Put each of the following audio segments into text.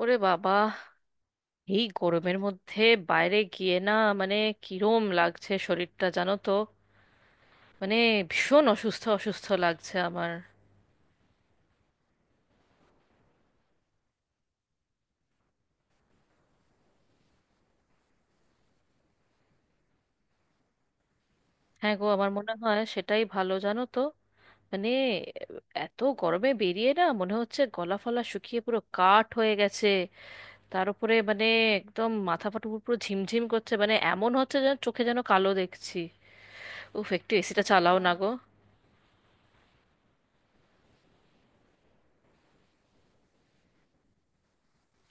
ওরে বাবা, এই গরমের মধ্যে বাইরে গিয়ে না, মানে কিরম লাগছে শরীরটা জানো তো। মানে ভীষণ অসুস্থ অসুস্থ লাগছে আমার। হ্যাঁ গো, আমার মনে হয় সেটাই ভালো জানো তো। মানে এত গরমে বেরিয়ে না মনে হচ্ছে গলা ফলা শুকিয়ে পুরো কাঠ হয়ে গেছে। তার উপরে একদম মাথা ফাটা, পুরো ঝিমঝিম করছে। মানে এমন হচ্ছে, যেন চোখে যেন কালো দেখছি। উফ, একটু এসিটা চালাও না গো।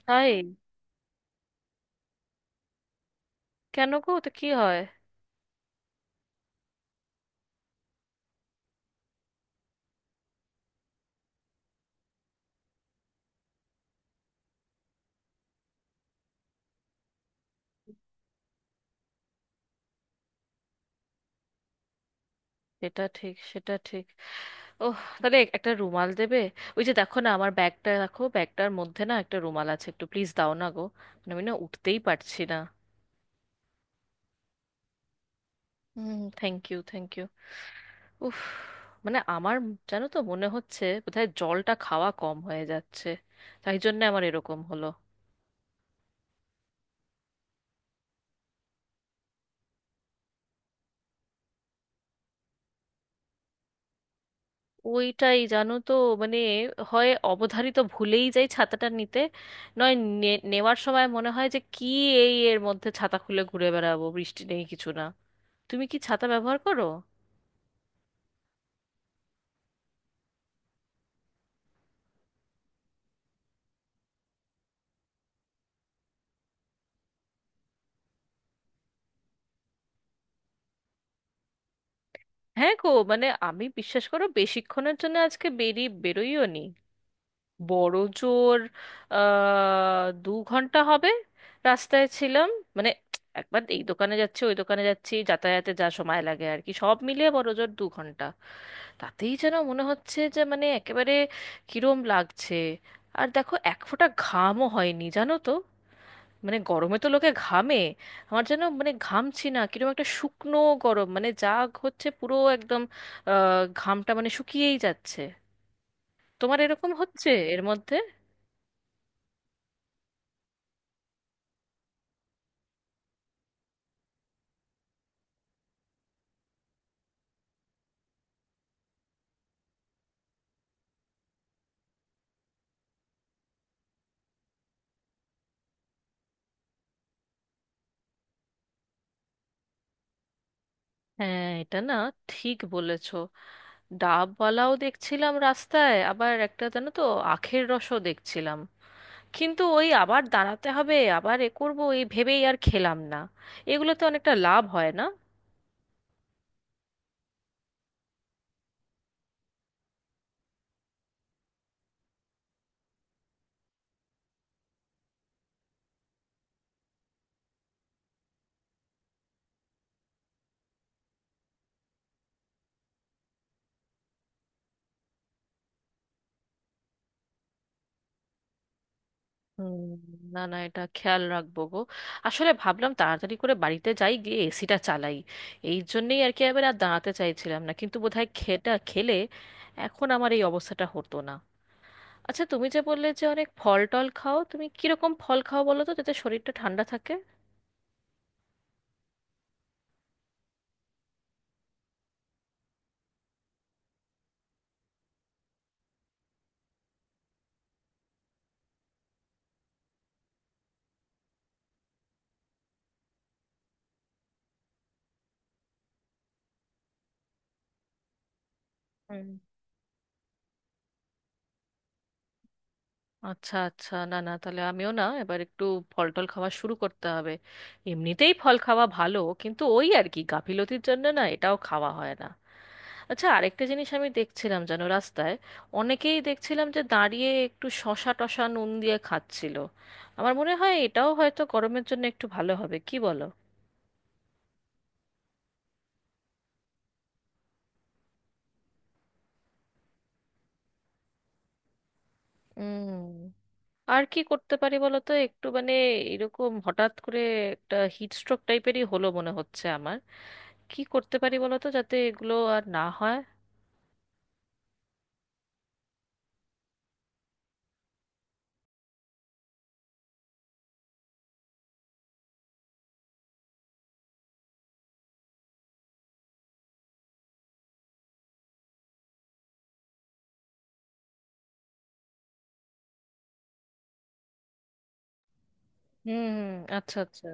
তাই? কেন গো, তো কি হয়? সেটা ঠিক, সেটা ঠিক। ওহ, তাহলে একটা রুমাল দেবে? ওই যে দেখো না, আমার ব্যাগটা রাখো, ব্যাগটার মধ্যে না একটা রুমাল আছে, একটু প্লিজ দাও না গো। আমি না উঠতেই পারছি না। হুম, থ্যাংক ইউ, থ্যাংক ইউ। উফ, আমার জানো তো মনে হচ্ছে বোধহয় জলটা খাওয়া কম হয়ে যাচ্ছে, তাই জন্য আমার এরকম হলো। ওইটাই জানো তো, মানে হয় অবধারিত ভুলেই যাই ছাতাটা নিতে, নয় নেওয়ার সময় মনে হয় যে কি এই এর মধ্যে ছাতা খুলে ঘুরে বেড়াবো, বৃষ্টি নেই কিছু না। তুমি কি ছাতা ব্যবহার করো? হ্যাঁ গো, আমি বিশ্বাস করো বেশিক্ষণের জন্য আজকে বেরোইও নি। বড় জোর 2 ঘন্টা হবে রাস্তায় ছিলাম। মানে একবার এই দোকানে যাচ্ছি, ওই দোকানে যাচ্ছি, যাতায়াতে যা সময় লাগে আর কি, সব মিলিয়ে বড় জোর 2 ঘন্টা। তাতেই যেন মনে হচ্ছে যে একেবারে কিরম লাগছে। আর দেখো এক ফোঁটা ঘামও হয়নি জানো তো। মানে গরমে তো লোকে ঘামে, আমার যেন ঘামছি না, কিরকম একটা শুকনো গরম, মানে যা হচ্ছে পুরো একদম ঘামটা শুকিয়েই যাচ্ছে। তোমার এরকম হচ্ছে এর মধ্যে? হ্যাঁ এটা না ঠিক বলেছো। ডাবওয়ালাও দেখছিলাম রাস্তায়, আবার একটা জানো তো আখের রসও দেখছিলাম, কিন্তু ওই আবার দাঁড়াতে হবে, আবার এ করবো, এই ভেবেই আর খেলাম না। এগুলোতে অনেকটা লাভ হয় না? হুম, না না, এটা খেয়াল রাখবো গো। আসলে ভাবলাম তাড়াতাড়ি করে বাড়িতে যাই গিয়ে এসিটা চালাই, এই জন্যেই আর কি এবার আর দাঁড়াতে চাইছিলাম না। কিন্তু বোধহয় খেটা খেলে এখন আমার এই অবস্থাটা হতো না। আচ্ছা, তুমি যে বললে যে অনেক ফল টল খাও, তুমি কিরকম ফল খাও বলো তো যাতে শরীরটা ঠান্ডা থাকে? হুম। আচ্ছা আচ্ছা, না না, তাহলে আমিও না এবার একটু ফল টল খাওয়া শুরু করতে হবে। এমনিতেই ফল খাওয়া ভালো, কিন্তু ওই আর কি, গাফিলতির জন্য না এটাও খাওয়া হয় না। আচ্ছা, আরেকটা জিনিস আমি দেখছিলাম জানো রাস্তায়, অনেকেই দেখছিলাম যে দাঁড়িয়ে একটু শশা টশা নুন দিয়ে খাচ্ছিল। আমার মনে হয় এটাও হয়তো গরমের জন্য একটু ভালো হবে, কি বলো? উম আর কি করতে পারি বলো তো, একটু এরকম হঠাৎ করে একটা হিট স্ট্রোক টাইপেরই হলো মনে হচ্ছে আমার। কি করতে পারি বলো তো যাতে এগুলো আর না হয়? হুম। আচ্ছা আচ্ছা।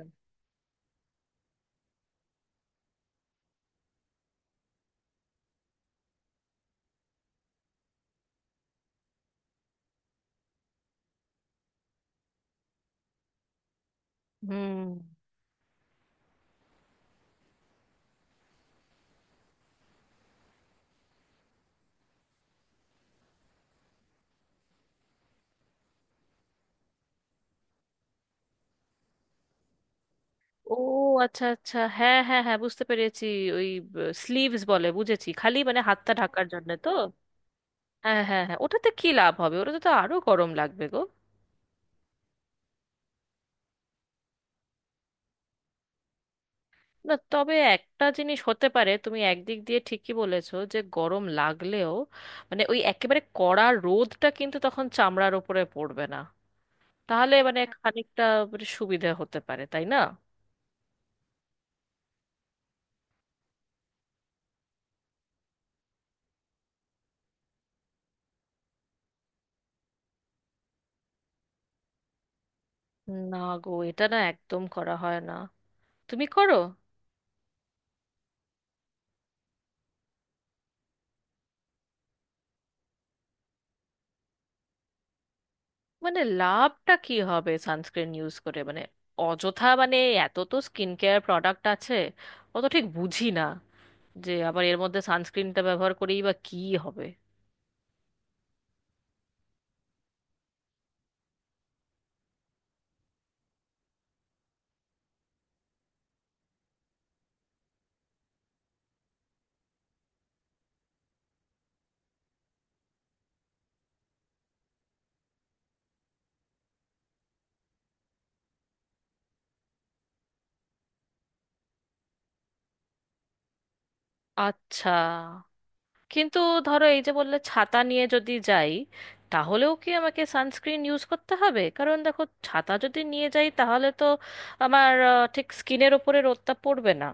হুম। ও আচ্ছা আচ্ছা, হ্যাঁ হ্যাঁ হ্যাঁ, বুঝতে পেরেছি। ওই স্লিভস বলে, বুঝেছি। খালি হাতটা ঢাকার জন্য তো? হ্যাঁ হ্যাঁ হ্যাঁ, ওটাতে কি লাভ হবে? ওটাতে তো আরো গরম লাগবে গো। না, তবে একটা জিনিস হতে পারে, তুমি একদিক দিয়ে ঠিকই বলেছো, যে গরম লাগলেও ওই একেবারে কড়া রোদটা কিন্তু তখন চামড়ার ওপরে পড়বে না। তাহলে খানিকটা সুবিধা হতে পারে, তাই না? না গো, এটা না একদম করা হয় না। তুমি করো? লাভটা কি হবে সানস্ক্রিন ইউজ করে? অযথা, এত তো স্কিন কেয়ার প্রোডাক্ট আছে, অত ঠিক বুঝি না, যে আবার এর মধ্যে সানস্ক্রিনটা ব্যবহার করেই বা কি হবে। আচ্ছা, কিন্তু ধরো এই যে বললে ছাতা নিয়ে যদি যাই, তাহলেও কি আমাকে সানস্ক্রিন ইউজ করতে হবে? কারণ দেখো ছাতা যদি নিয়ে যাই তাহলে তো আমার ঠিক স্কিনের ওপরে রোদটা পড়বে না।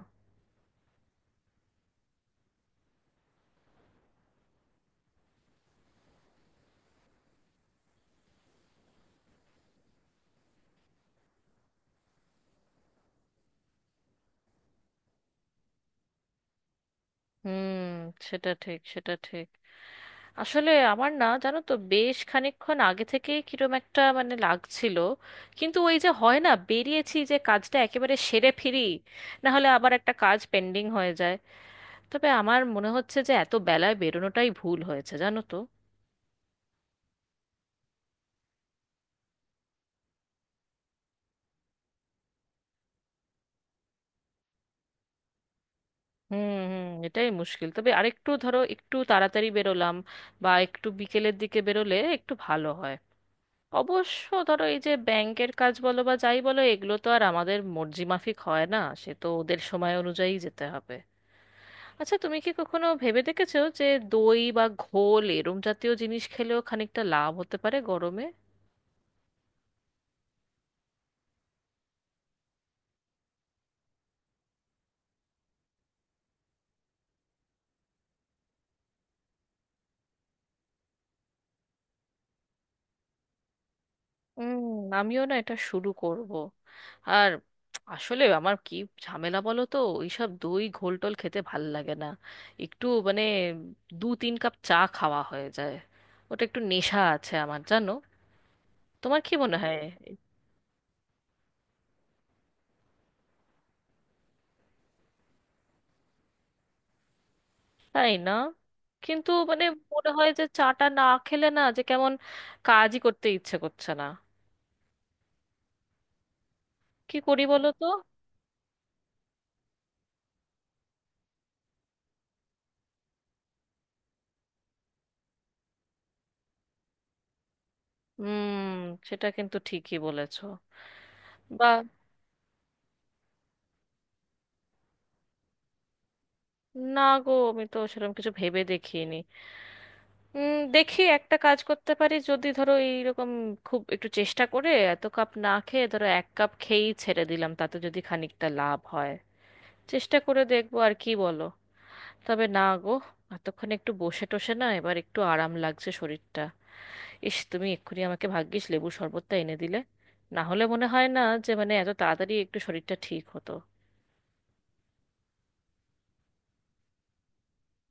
হুম, সেটা ঠিক, সেটা ঠিক। আসলে আমার না, জানো তো, বেশ খানিকক্ষণ আগে থেকে কিরম একটা লাগছিল, কিন্তু ওই যে হয় না, বেরিয়েছি যে কাজটা একেবারে সেরে ফিরি, না হলে আবার একটা কাজ পেন্ডিং হয়ে যায়। তবে আমার মনে হচ্ছে যে এত বেলায় বেরোনোটাই ভুল হয়েছে জানো তো। হুম হুম, এটাই মুশকিল। তবে আরেকটু ধরো একটু তাড়াতাড়ি বেরোলাম বা একটু বিকেলের দিকে বেরোলে একটু ভালো হয়। অবশ্য ধরো এই যে ব্যাংকের কাজ বলো বা যাই বলো, এগুলো তো আর আমাদের মর্জি মাফিক হয় না, সে তো ওদের সময় অনুযায়ী যেতে হবে। আচ্ছা, তুমি কি কখনো ভেবে দেখেছো যে দই বা ঘোল এরম জাতীয় জিনিস খেলেও খানিকটা লাভ হতে পারে গরমে? হুম, আমিও না এটা শুরু করব। আর আসলে আমার কি ঝামেলা বলো তো, ওইসব দই ঘোলটোল খেতে ভাল লাগে না। একটু দু তিন কাপ চা খাওয়া হয়ে যায়, ওটা একটু নেশা আছে আমার জানো। তোমার কি মনে হয়? তাই না? কিন্তু মনে হয় যে চাটা না খেলে না যে কেমন কাজই করতে ইচ্ছে করছে না। কি করি বলো তো? হুম, সেটা কিন্তু ঠিকই বলেছো। বা, না গো আমি তো সেরকম কিছু ভেবে দেখিনি। দেখি একটা কাজ করতে পারি যদি, ধরো এইরকম খুব একটু চেষ্টা করে এত কাপ না খেয়ে ধরো এক কাপ খেয়েই ছেড়ে দিলাম, তাতে যদি খানিকটা লাভ হয়। চেষ্টা করে দেখবো আর কি, বলো। তবে না গো, এতক্ষণ একটু বসে টসে না এবার একটু আরাম লাগছে শরীরটা। ইস, তুমি এক্ষুনি আমাকে ভাগ্যিস লেবু শরবতটা এনে দিলে, না হলে মনে হয় না যে এত তাড়াতাড়ি একটু শরীরটা ঠিক হতো।